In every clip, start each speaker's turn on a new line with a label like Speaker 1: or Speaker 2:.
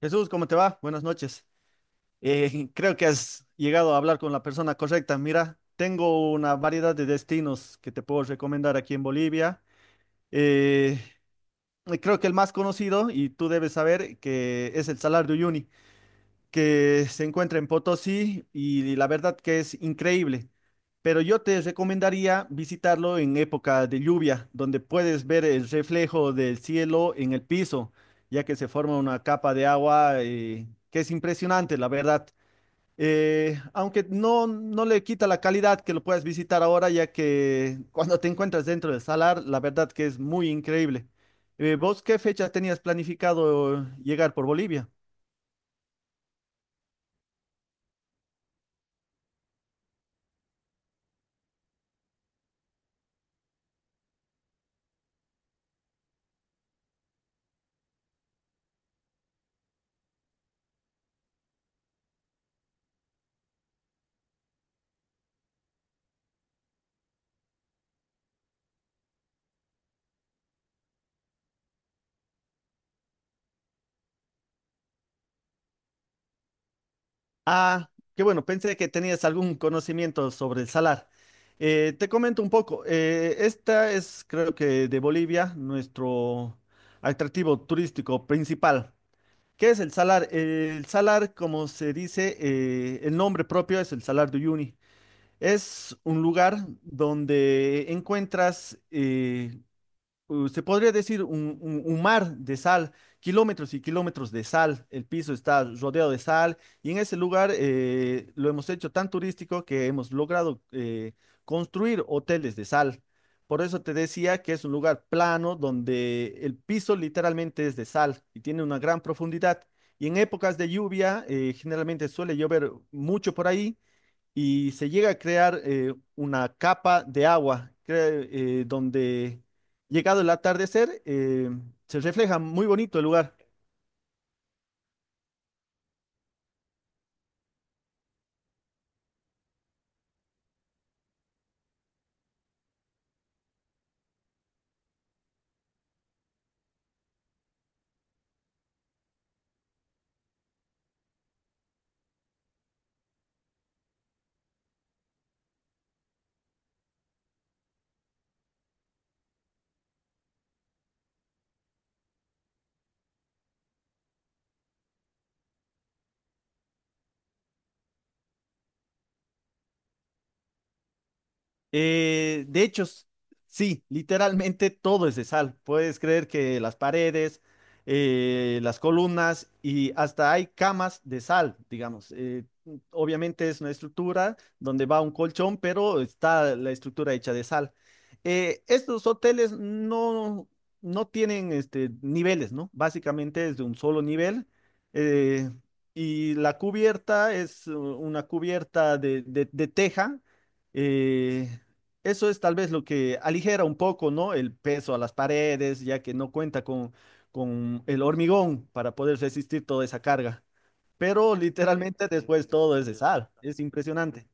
Speaker 1: Jesús, ¿cómo te va? Buenas noches. Creo que has llegado a hablar con la persona correcta. Mira, tengo una variedad de destinos que te puedo recomendar aquí en Bolivia. Eh, creo que el más conocido, y tú debes saber, que es el Salar de Uyuni que se encuentra en Potosí y la verdad que es increíble. Pero yo te recomendaría visitarlo en época de lluvia, donde puedes ver el reflejo del cielo en el piso, ya que se forma una capa de agua, que es impresionante, la verdad. Aunque no le quita la calidad que lo puedas visitar ahora, ya que cuando te encuentras dentro del salar, la verdad que es muy increíble. ¿Vos qué fecha tenías planificado llegar por Bolivia? Ah, qué bueno, pensé que tenías algún conocimiento sobre el salar. Te comento un poco, esta es creo que de Bolivia nuestro atractivo turístico principal. ¿Qué es el salar? El salar, como se dice, el nombre propio es el Salar de Uyuni. Es un lugar donde encuentras, se podría decir un mar de sal, kilómetros y kilómetros de sal. El piso está rodeado de sal y en ese lugar, lo hemos hecho tan turístico que hemos logrado, construir hoteles de sal. Por eso te decía que es un lugar plano donde el piso literalmente es de sal y tiene una gran profundidad. Y en épocas de lluvia, generalmente suele llover mucho por ahí y se llega a crear una capa de agua donde, llegado el atardecer, se refleja muy bonito el lugar. De hecho, sí, literalmente todo es de sal. Puedes creer que las paredes, las columnas y hasta hay camas de sal, digamos. Obviamente es una estructura donde va un colchón, pero está la estructura hecha de sal. Estos hoteles no tienen este, niveles, ¿no? Básicamente es de un solo nivel. eh, y la cubierta es una cubierta de teja. Eh, eso es tal vez lo que aligera un poco, ¿no? El peso a las paredes, ya que no cuenta con el hormigón para poder resistir toda esa carga. Pero literalmente después todo es de sal. Es impresionante.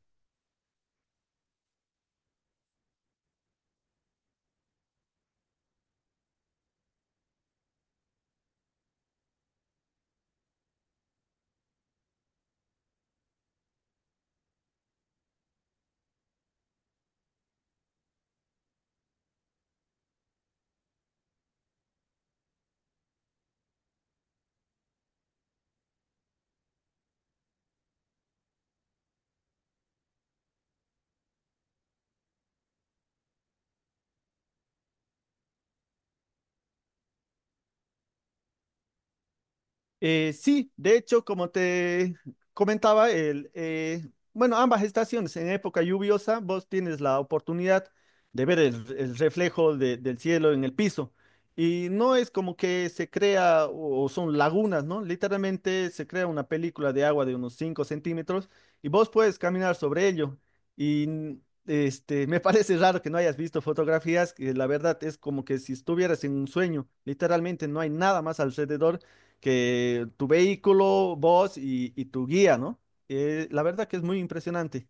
Speaker 1: Sí, de hecho, como te comentaba, bueno, ambas estaciones, en época lluviosa, vos tienes la oportunidad de ver el reflejo del cielo en el piso. Y no es como que se crea, o o, son lagunas, ¿no? Literalmente se crea una película de agua de unos 5 centímetros y vos puedes caminar sobre ello. Y me parece raro que no hayas visto fotografías, que la verdad es como que si estuvieras en un sueño, literalmente no hay nada más alrededor que tu vehículo, vos y tu guía, ¿no? La verdad que es muy impresionante.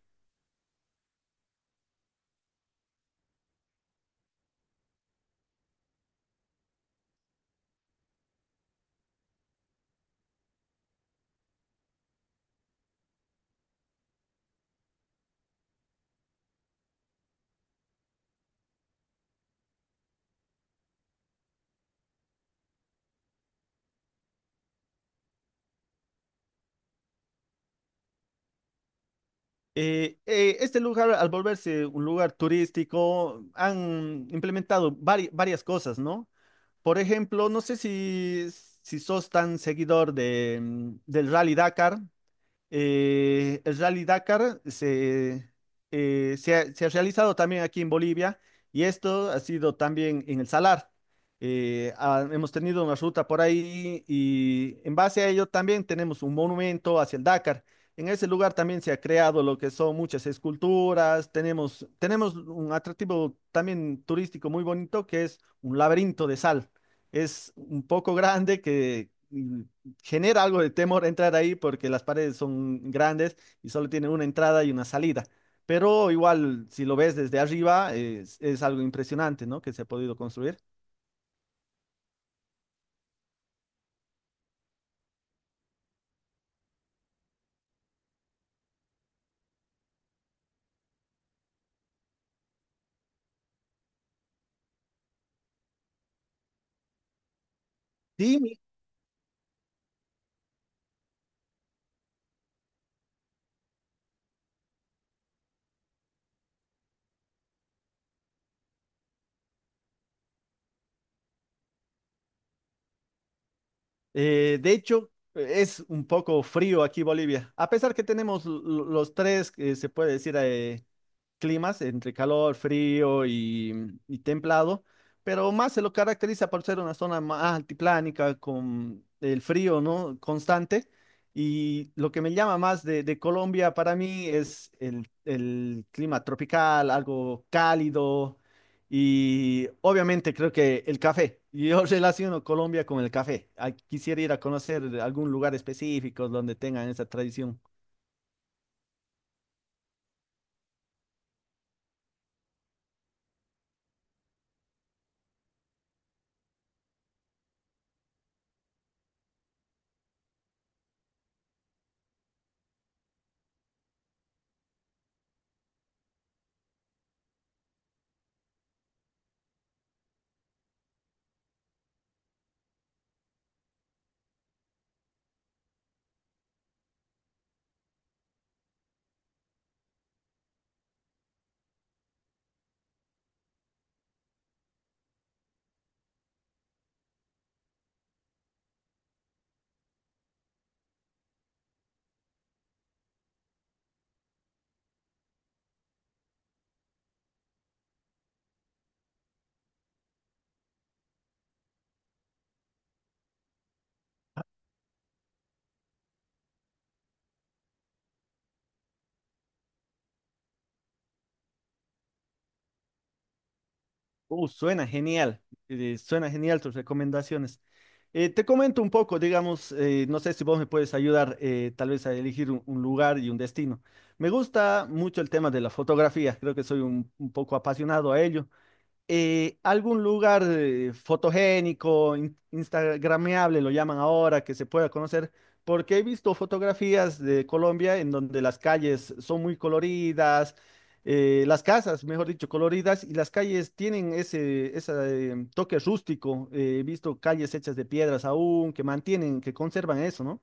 Speaker 1: Este lugar, al volverse un lugar turístico, han implementado varias cosas, ¿no? Por ejemplo, no sé si sos tan seguidor del Rally Dakar. El Rally Dakar se ha realizado también aquí en Bolivia y esto ha sido también en el Salar. Hemos tenido una ruta por ahí y en base a ello también tenemos un monumento hacia el Dakar. En ese lugar también se ha creado lo que son muchas esculturas, tenemos un atractivo también turístico muy bonito que es un laberinto de sal. Es un poco grande que genera algo de temor entrar ahí porque las paredes son grandes y solo tienen una entrada y una salida. Pero igual, si lo ves desde arriba, es algo impresionante, ¿no? Que se ha podido construir. Sí, mi- de hecho, es un poco frío aquí Bolivia. A pesar que tenemos los tres, que se puede decir, climas entre calor, frío y templado, pero más se lo caracteriza por ser una zona más altiplánica con el frío, ¿no? Constante. Y lo que me llama más de Colombia para mí es el clima tropical, algo cálido y obviamente creo que el café. Yo relaciono Colombia con el café. Ah, quisiera ir a conocer algún lugar específico donde tengan esa tradición. Uh, suena genial, suena genial tus recomendaciones. Te comento un poco, digamos, no sé si vos me puedes ayudar tal vez a elegir un lugar y un destino. Me gusta mucho el tema de la fotografía, creo que soy un poco apasionado a ello algún lugar fotogénico, instagrameable, lo llaman ahora, que se pueda conocer, porque he visto fotografías de Colombia en donde las calles son muy coloridas, las casas, mejor dicho, coloridas, y las calles tienen ese toque rústico. He visto calles hechas de piedras aún, que mantienen, que conservan eso, ¿no?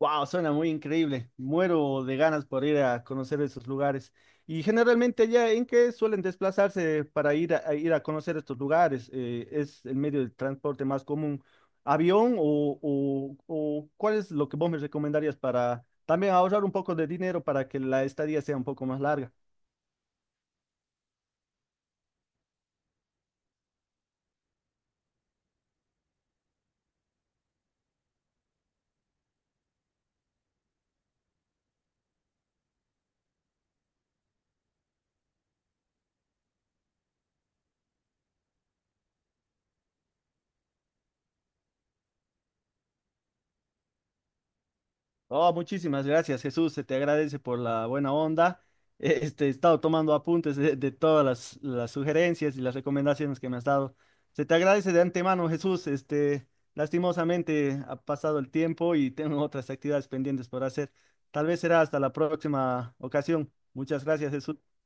Speaker 1: Wow, suena muy increíble. Muero de ganas por ir a conocer esos lugares. Y generalmente allá en qué suelen desplazarse para ir a ir a conocer estos lugares. ¿Es el medio de transporte más común, avión o cuál es lo que vos me recomendarías para también ahorrar un poco de dinero para que la estadía sea un poco más larga? Oh, muchísimas gracias, Jesús. Se te agradece por la buena onda. Este, he estado tomando apuntes de todas las sugerencias y las recomendaciones que me has dado. Se te agradece de antemano, Jesús. Este, lastimosamente ha pasado el tiempo y tengo otras actividades pendientes por hacer. Tal vez será hasta la próxima ocasión. Muchas gracias, Jesús.